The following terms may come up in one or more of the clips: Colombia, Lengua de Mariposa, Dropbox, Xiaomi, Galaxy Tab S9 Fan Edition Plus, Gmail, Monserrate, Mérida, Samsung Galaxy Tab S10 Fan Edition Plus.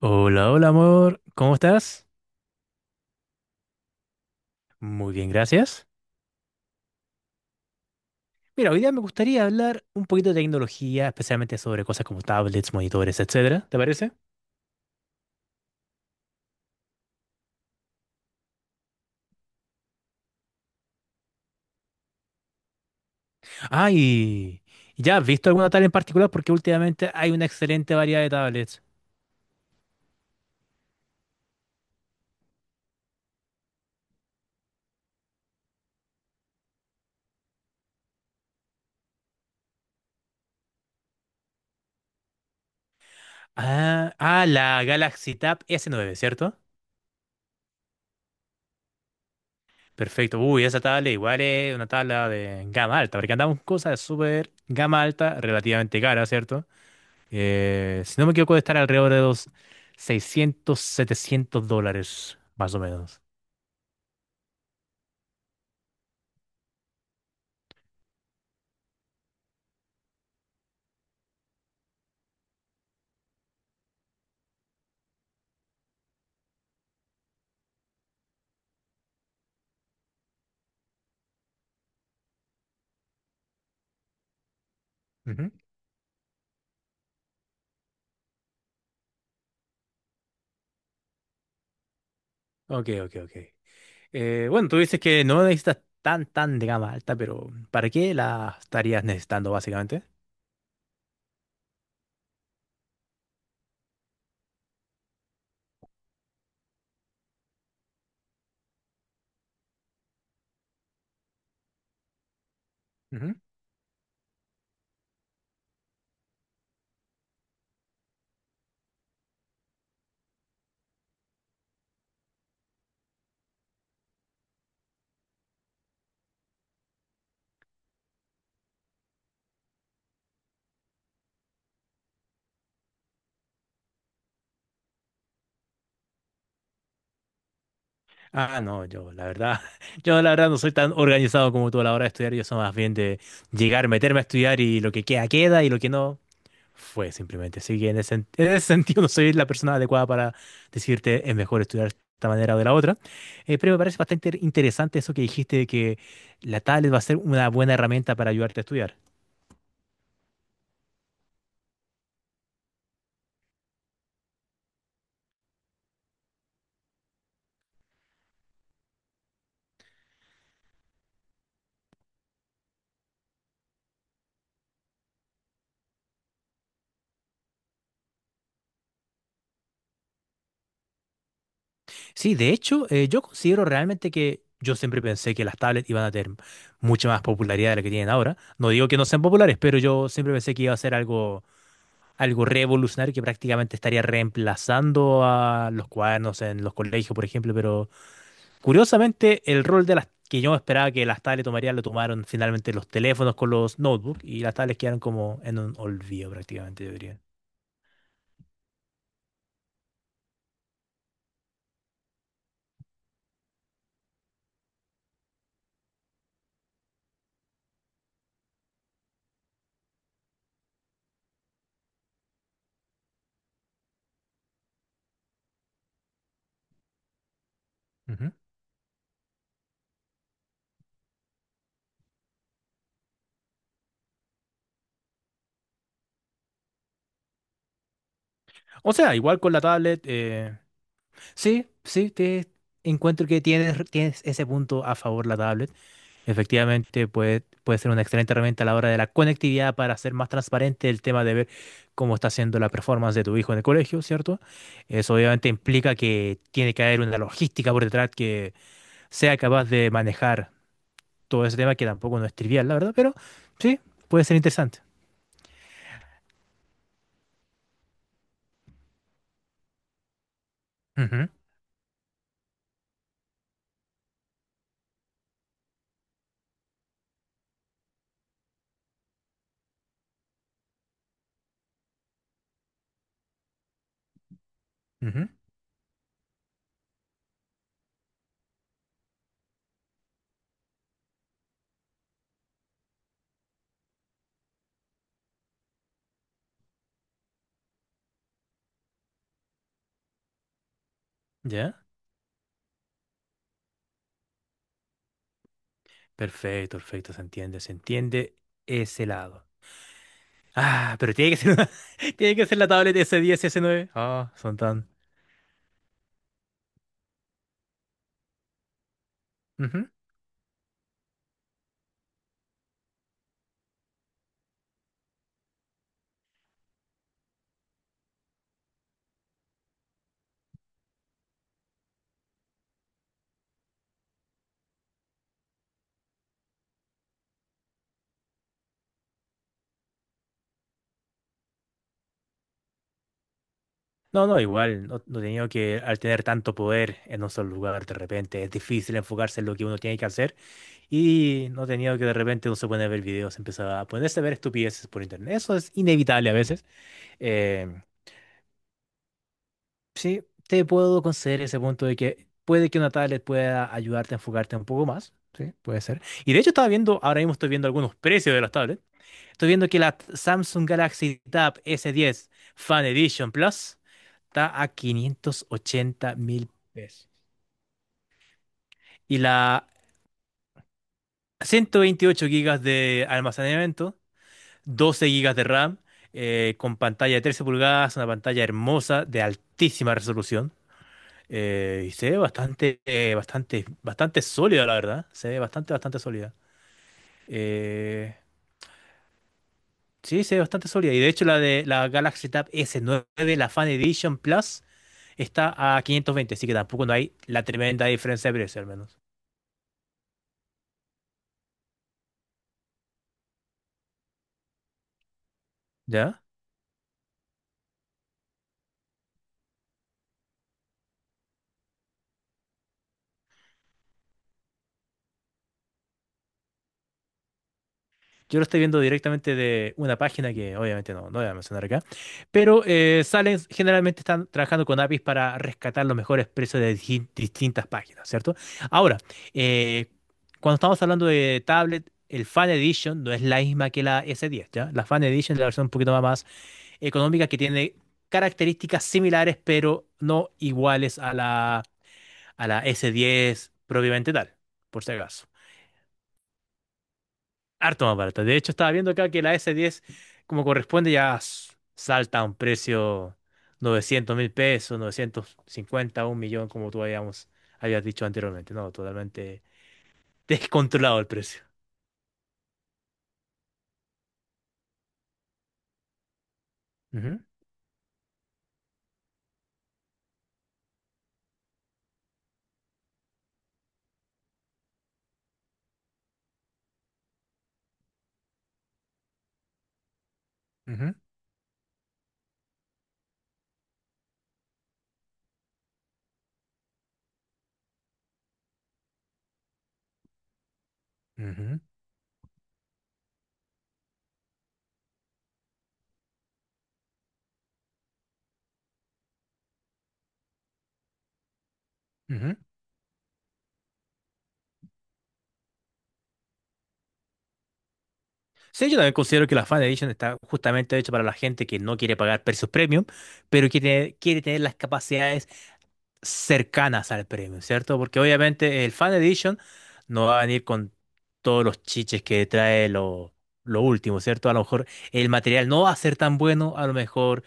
Hola, hola amor, ¿cómo estás? Muy bien, gracias. Mira, hoy día me gustaría hablar un poquito de tecnología, especialmente sobre cosas como tablets, monitores, etcétera, ¿te parece? Ah, y ¿ya has visto alguna tablet en particular? Porque últimamente hay una excelente variedad de tablets. Ah, ah, la Galaxy Tab S9, ¿cierto? Perfecto. Uy, esa tablet igual es una tabla de gama alta, porque andamos con cosas de súper gama alta, relativamente cara, ¿cierto? Si no me equivoco, de estar alrededor de los 600 700 dólares, más o menos. Ujú. Ok, ok, ok. Bueno, tú dices que no necesitas tan de gama alta, pero ¿para qué la estarías necesitando, básicamente? Ujú. Ah, no, yo, la verdad, yo la verdad no soy tan organizado como tú a la hora de estudiar, yo soy más bien de llegar, meterme a estudiar y lo que queda, queda y lo que no. Fue simplemente. Así que en ese sentido no soy la persona adecuada para decirte es mejor estudiar de esta manera o de la otra. Pero me parece bastante interesante eso que dijiste de que la tablet va a ser una buena herramienta para ayudarte a estudiar. Sí, de hecho, yo considero realmente que yo siempre pensé que las tablets iban a tener mucha más popularidad de la que tienen ahora. No digo que no sean populares, pero yo siempre pensé que iba a ser algo, algo revolucionario que prácticamente estaría reemplazando a los cuadernos en los colegios, por ejemplo, pero curiosamente, el rol de las que yo esperaba que las tablets tomarían, lo tomaron finalmente los teléfonos con los notebooks y las tablets quedaron como en un olvido prácticamente, yo diría. Ujú. O sea, igual con la tablet, sí, sí, te encuentro que tienes ese punto a favor la tablet. Efectivamente, puede ser una excelente herramienta a la hora de la conectividad para hacer más transparente el tema de ver cómo está haciendo la performance de tu hijo en el colegio, ¿cierto? Eso obviamente implica que tiene que haber una logística por detrás que sea capaz de manejar todo ese tema, que tampoco no es trivial, la verdad, pero sí, puede ser interesante. Ujú, ujú, ¿ya? Perfecto, perfecto, se entiende ese lado. Ah, pero tiene que ser una- tiene que ser la tableta s diez y S9. Ah, son tan... ujú. No, no, igual, no, no tenía que, al tener tanto poder en un solo lugar, de repente es difícil enfocarse en lo que uno tiene que hacer y no tenía que de repente uno se pone a ver videos, empezaba a ponerse a ver estupideces por internet. Eso es inevitable a veces. Em, sí, te puedo conceder ese punto de que puede que una tablet pueda ayudarte a enfocarte un poco más, sí, puede ser. Y de hecho estaba viendo, ahora mismo estoy viendo algunos precios de las tablets. Estoy viendo que la Samsung Galaxy Tab S10 Fan Edition Plus. Está a 580 mil pesos. Y la 128 gigas de almacenamiento, 12 gigas de RAM, con pantalla de 13 pulgadas, una pantalla hermosa de altísima resolución. Y se ve bastante, bastante sólida, la verdad. Se ve bastante sólida. Eh, sí, se ve bastante sólida. Y de hecho, la de la Galaxy Tab S9, la Fan Edition Plus, está a 520 así que tampoco no hay la tremenda diferencia de precio, al menos. ¿Ya? Yo lo estoy viendo directamente de una página que obviamente no voy a mencionar acá, pero salen, generalmente están trabajando con APIs para rescatar los mejores precios de di- distintas páginas, ¿cierto? Ahora, eh, cuando estamos hablando de tablet, el Fan Edition no es la misma que la S10, ¿ya? La Fan Edition es la versión un poquito más económica que tiene características similares, pero no iguales a la S10 propiamente tal, por si acaso. Harto más barata. De hecho, estaba viendo acá que la S10, como corresponde, ya s- salta a un precio 900 mil pesos, 950, un millón, como tú habíamos, habías dicho anteriormente. No, totalmente descontrolado el precio. Ujú, ujú, ujú, ujú. Sí, yo también considero que la Fan Edition está justamente hecha para la gente que no quiere pagar precios premium, pero quiere tener las capacidades cercanas al premio, ¿cierto? Porque obviamente el Fan Edition no va a venir con todos los chiches que trae lo último, ¿cierto? A lo mejor el material no va a ser tan bueno, a lo mejor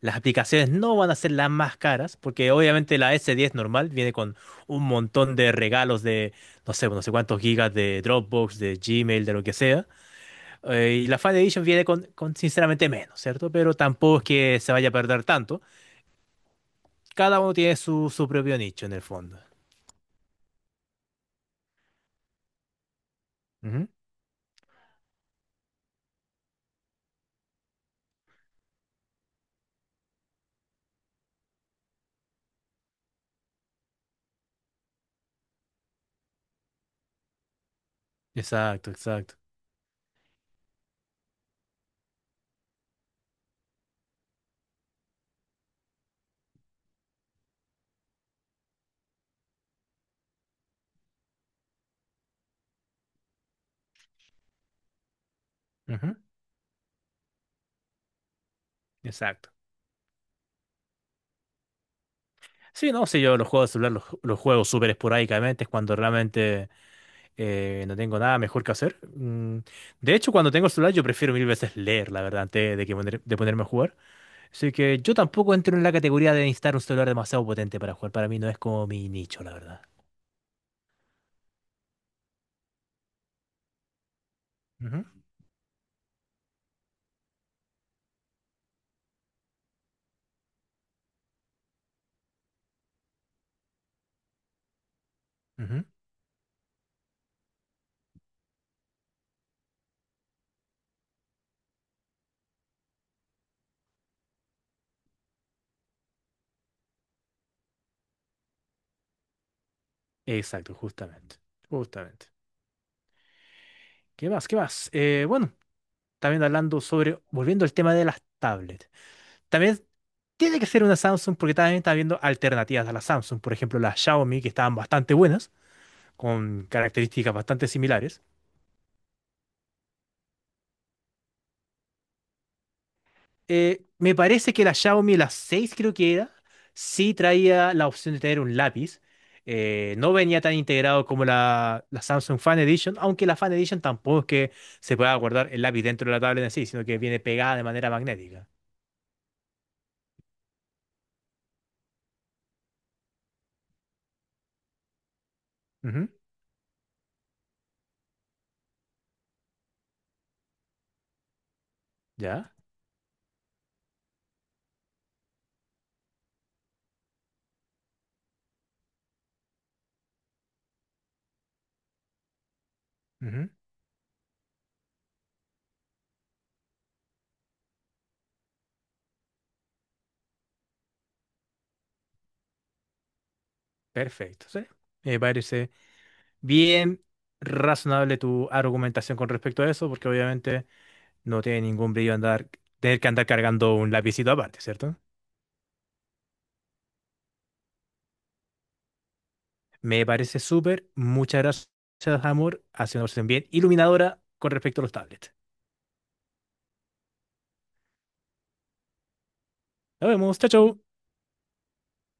las aplicaciones no van a ser las más caras, porque obviamente la S10 normal viene con un montón de regalos de, no sé cuántos gigas de Dropbox, de Gmail, de lo que sea. Y la Fan Edition viene con sinceramente menos, ¿cierto? Pero tampoco es que se vaya a perder tanto. Cada uno tiene su propio nicho en el fondo. Exacto, exacto. Ujú, exacto. Sí, no, sí, yo los juegos de celular los juego súper esporádicamente, es cuando realmente no tengo nada mejor que hacer. Mm, de hecho, cuando tengo el celular yo prefiero mil veces leer, la verdad, antes de que poner- de ponerme a jugar. Así que yo tampoco entro en la categoría de necesitar un celular demasiado potente para jugar. Para mí no es como mi nicho, la verdad. Ujú, ujú. Exacto, justamente. Justamente. ¿Qué más? ¿Qué más? Bueno, también hablando sobre, volviendo al tema de las tablets. También tiene que ser una Samsung porque también está viendo alternativas a la Samsung. Por ejemplo, las Xiaomi, que estaban bastante buenas, con características bastante similares. Me parece que la Xiaomi, la 6 creo que era, sí traía la opción de tener un lápiz. No venía tan integrado como la Samsung Fan Edition, aunque la Fan Edition tampoco es que se pueda guardar el lápiz dentro de la tablet en sí, sino que viene pegada de manera magnética. Ujú, ya, ujú, perfecto, sí. Me parece bien razonable tu argumentación con respecto a eso, porque obviamente no tiene ningún brillo andar, tener que andar cargando un lapicito aparte, ¿cierto? Me parece súper. Muchas gracias, amor. Ha sido una conversación bien iluminadora con respecto a los tablets. Nos vemos. Chao, chao.